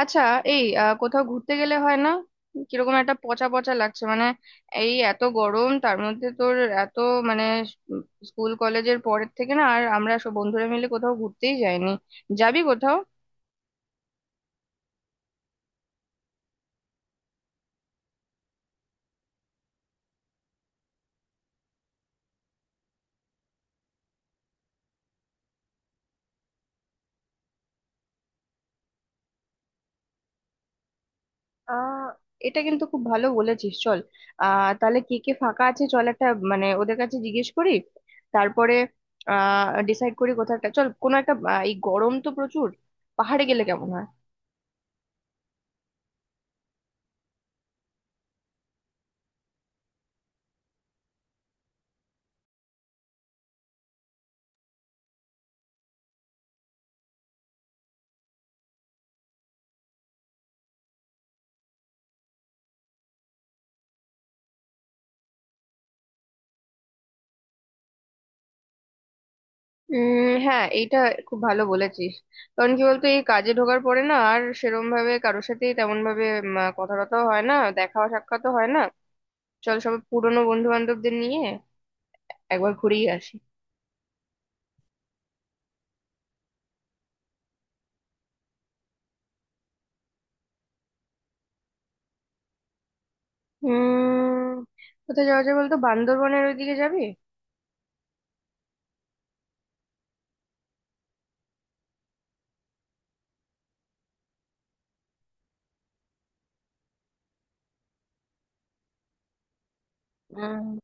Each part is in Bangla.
আচ্ছা। কোথাও ঘুরতে গেলে হয় না? কিরকম একটা পচা পচা লাগছে, মানে এই এত গরম, তার মধ্যে তোর এত মানে উম, স্কুল কলেজের পরের থেকে না আর আমরা সব বন্ধুরা মিলে কোথাও ঘুরতেই যাইনি। যাবি কোথাও? আহ এটা কিন্তু খুব ভালো বলেছিস, চল। তাহলে কে কে ফাঁকা আছে, চল একটা, মানে ওদের কাছে জিজ্ঞেস করি, তারপরে ডিসাইড করি কোথাও একটা চল, কোনো একটা, এই গরম তো প্রচুর, পাহাড়ে গেলে কেমন হয়? উম হ্যাঁ, এইটা খুব ভালো বলেছিস। কারণ কি বলতো, এই কাজে ঢোকার পরে না আর সেরম ভাবে কারোর সাথেই তেমন ভাবে কথা টথাও হয় না, দেখা সাক্ষাৎও হয় না। চল সব পুরনো বন্ধু বান্ধবদের নিয়ে একবার ঘুরেই আসি। উম কোথায় যাওয়া যায় বলতো, বান্দরবনের ওইদিকে যাবি? উম,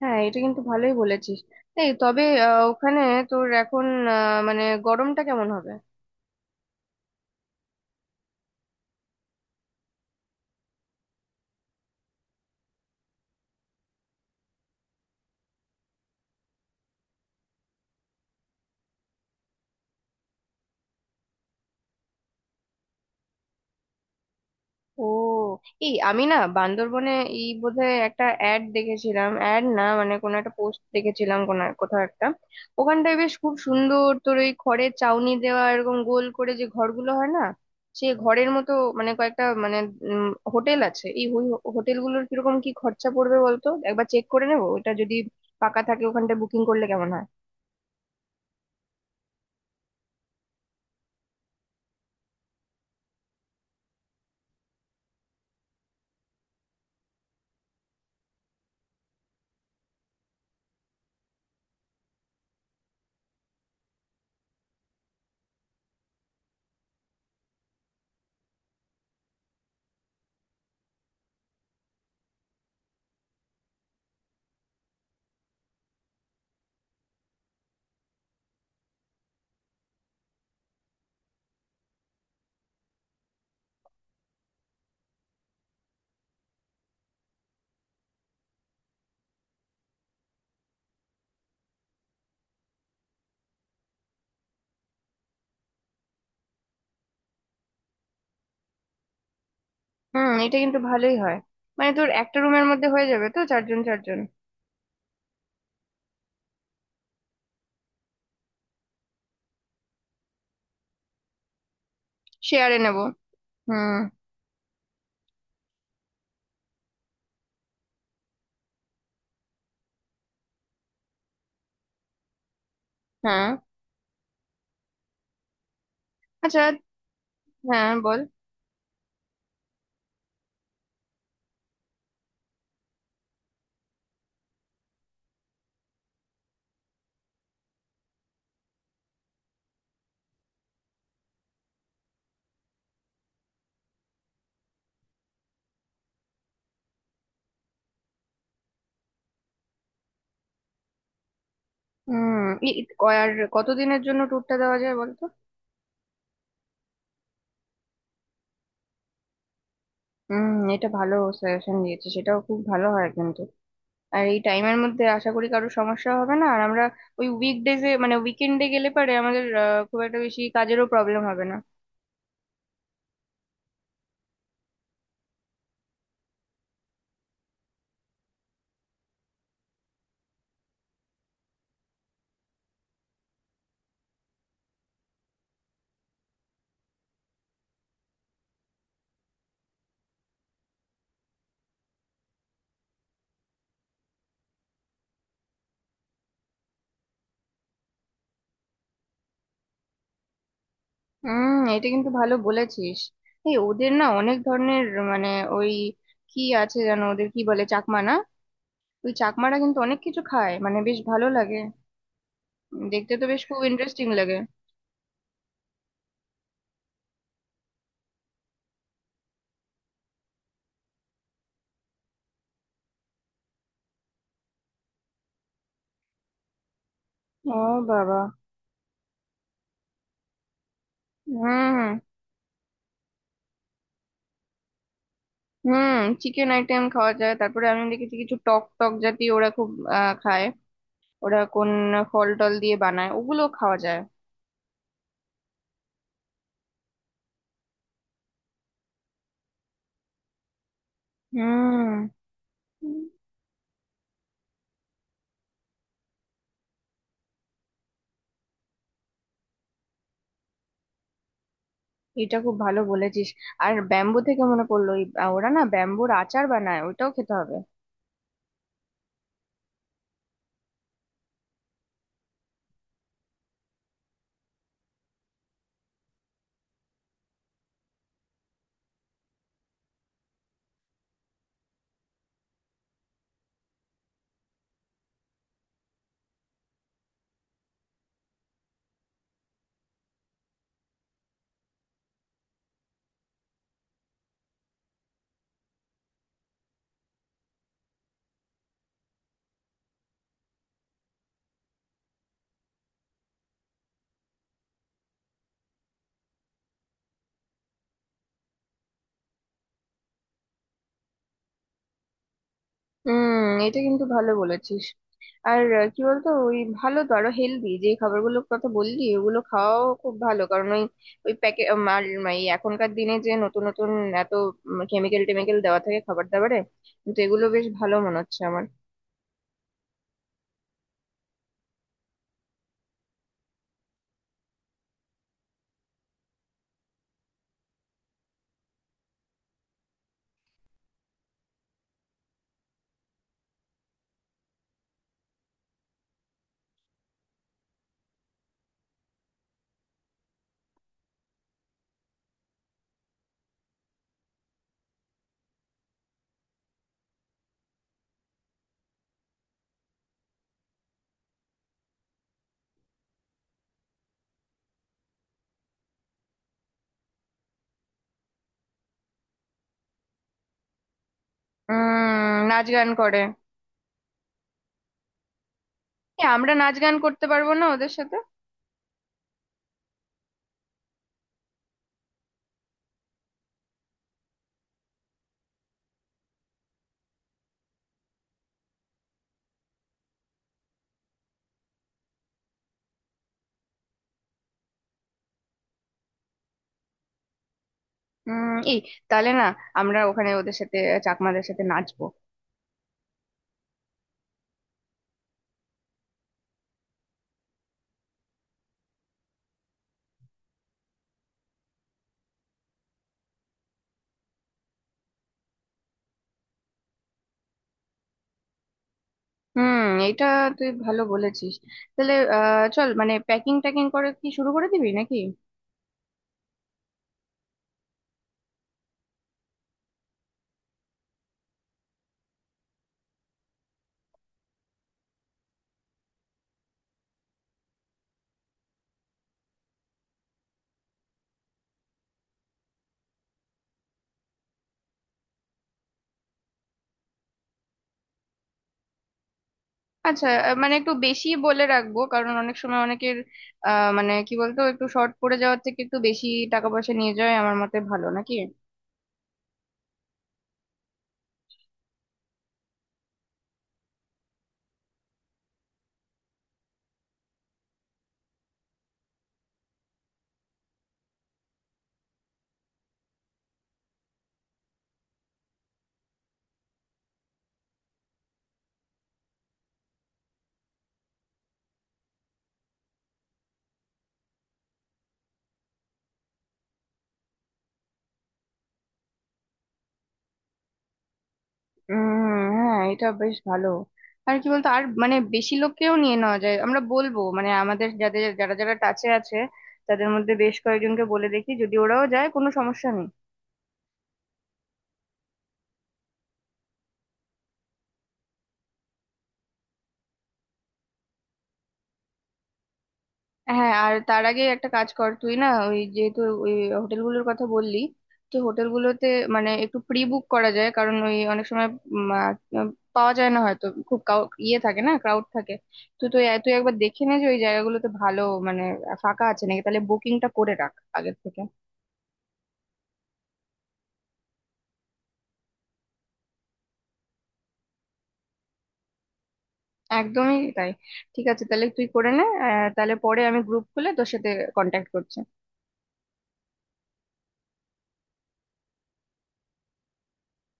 হ্যাঁ এটা কিন্তু ভালোই বলেছিস। এই তবে ওখানে তোর এখন, মানে গরমটা কেমন হবে? ও, এই আমি না বান্দরবনে এই বোধহয় একটা অ্যাড দেখেছিলাম, অ্যাড না মানে কোনো একটা পোস্ট দেখেছিলাম, কোথাও একটা, ওখানটায় বেশ খুব সুন্দর তোর, ওই খড়ের চাউনি দেওয়া এরকম গোল করে যে ঘরগুলো হয় না, সে ঘরের মতো মানে কয়েকটা, মানে উম, হোটেল আছে। এই হোটেলগুলোর কিরকম কি খরচা পড়বে বলতো, একবার চেক করে নেবো। ওটা যদি পাকা থাকে ওখানটায় বুকিং করলে কেমন হয়? হুম, এটা কিন্তু ভালোই হয়। মানে তোর একটা রুমের মধ্যে হয়ে যাবে তো, চারজন চারজন। শেয়ারে নেবো। হুম। হ্যাঁ। আচ্ছা, হ্যাঁ বল। হুম, আর কতদিনের জন্য ট্যুরটা দেওয়া যায় বলতো? হুম, এটা ভালো সাজেশন দিয়েছে, সেটাও খুব ভালো হয় কিন্তু। আর এই টাইমের মধ্যে আশা করি কারো সমস্যা হবে না, আর আমরা ওই উইকডেজে, মানে উইকেন্ডে গেলে পারে, আমাদের খুব একটা বেশি কাজেরও প্রবলেম হবে না। হুম, এটা কিন্তু ভালো বলেছিস। এই ওদের না অনেক ধরনের মানে ওই কি আছে জানো, ওদের কি বলে, চাকমা না? ওই চাকমারা কিন্তু অনেক কিছু খায়, মানে বেশ ভালো লাগে দেখতে, তো বেশ খুব ইন্টারেস্টিং লাগে। ও বাবা। হুম। হুম, চিকেন আইটেম খাওয়া যায়। তারপরে আমি দেখেছি কিছু টক টক জাতীয় ওরা খুব খায়, ওরা কোন ফল টল দিয়ে বানায়, ওগুলো খাওয়া যায়। হুম, এটা খুব ভালো বলেছিস। আর ব্যাম্বু থেকে মনে পড়লো, ওরা না ব্যাম্বুর আচার বানায়, ওইটাও খেতে হবে। হুম, এটা কিন্তু ভালো বলেছিস। আর কি বলতো, ওই ভালো তো, আরো হেলদি যে খাবারগুলোর কথা বললি, ওগুলো খাওয়াও খুব ভালো, কারণ ওই ওই প্যাকেট, এই এখনকার দিনে যে নতুন নতুন এত কেমিক্যাল টেমিক্যাল দেওয়া থাকে খাবার দাবারে, কিন্তু এগুলো বেশ ভালো মনে হচ্ছে আমার। উম, নাচ গান করে? এ, আমরা নাচ গান করতে পারবো না ওদের সাথে? এই তাহলে না, আমরা ওখানে ওদের সাথে চাকমাদের সাথে নাচবো। হুম, এটা তুই ভালো বলেছিস। তাহলে চল, মানে প্যাকিং ট্যাকিং করে কি শুরু করে দিবি নাকি? আচ্ছা, মানে একটু বেশি বলে রাখবো, কারণ অনেক সময় অনেকের মানে কি বলতো, একটু শর্ট পড়ে যাওয়ার থেকে একটু বেশি টাকা পয়সা নিয়ে যাওয়াই আমার মতে ভালো, নাকি? উম হ্যাঁ, এটা বেশ ভালো। আর কি বলতো, আর মানে বেশি লোককেও নিয়ে নেওয়া যায়, আমরা বলবো মানে আমাদের যাদের, যারা যারা টাচে আছে তাদের মধ্যে বেশ কয়েকজনকে বলে দেখি, যদি ওরাও যায় কোনো সমস্যা নেই। হ্যাঁ, আর তার আগে একটা কাজ কর, তুই না ওই যেহেতু ওই হোটেলগুলোর কথা বললি, তো হোটেলগুলোতে মানে একটু প্রি বুক করা যায়, কারণ ওই অনেক সময় উম, আহ, পাওয়া যায় না, হয়তো খুব ইয়ে থাকে, না ক্রাউড থাকে। তো তুই তুই একবার দেখে নে যে ওই জায়গাগুলোতে ভালো মানে ফাঁকা আছে নাকি, তাহলে বুকিংটা করে রাখ আগের থেকে। একদমই তাই। ঠিক আছে, তাহলে তুই করে নে, তাহলে পরে আমি গ্রুপ খুলে তোর সাথে কন্ট্যাক্ট করছি।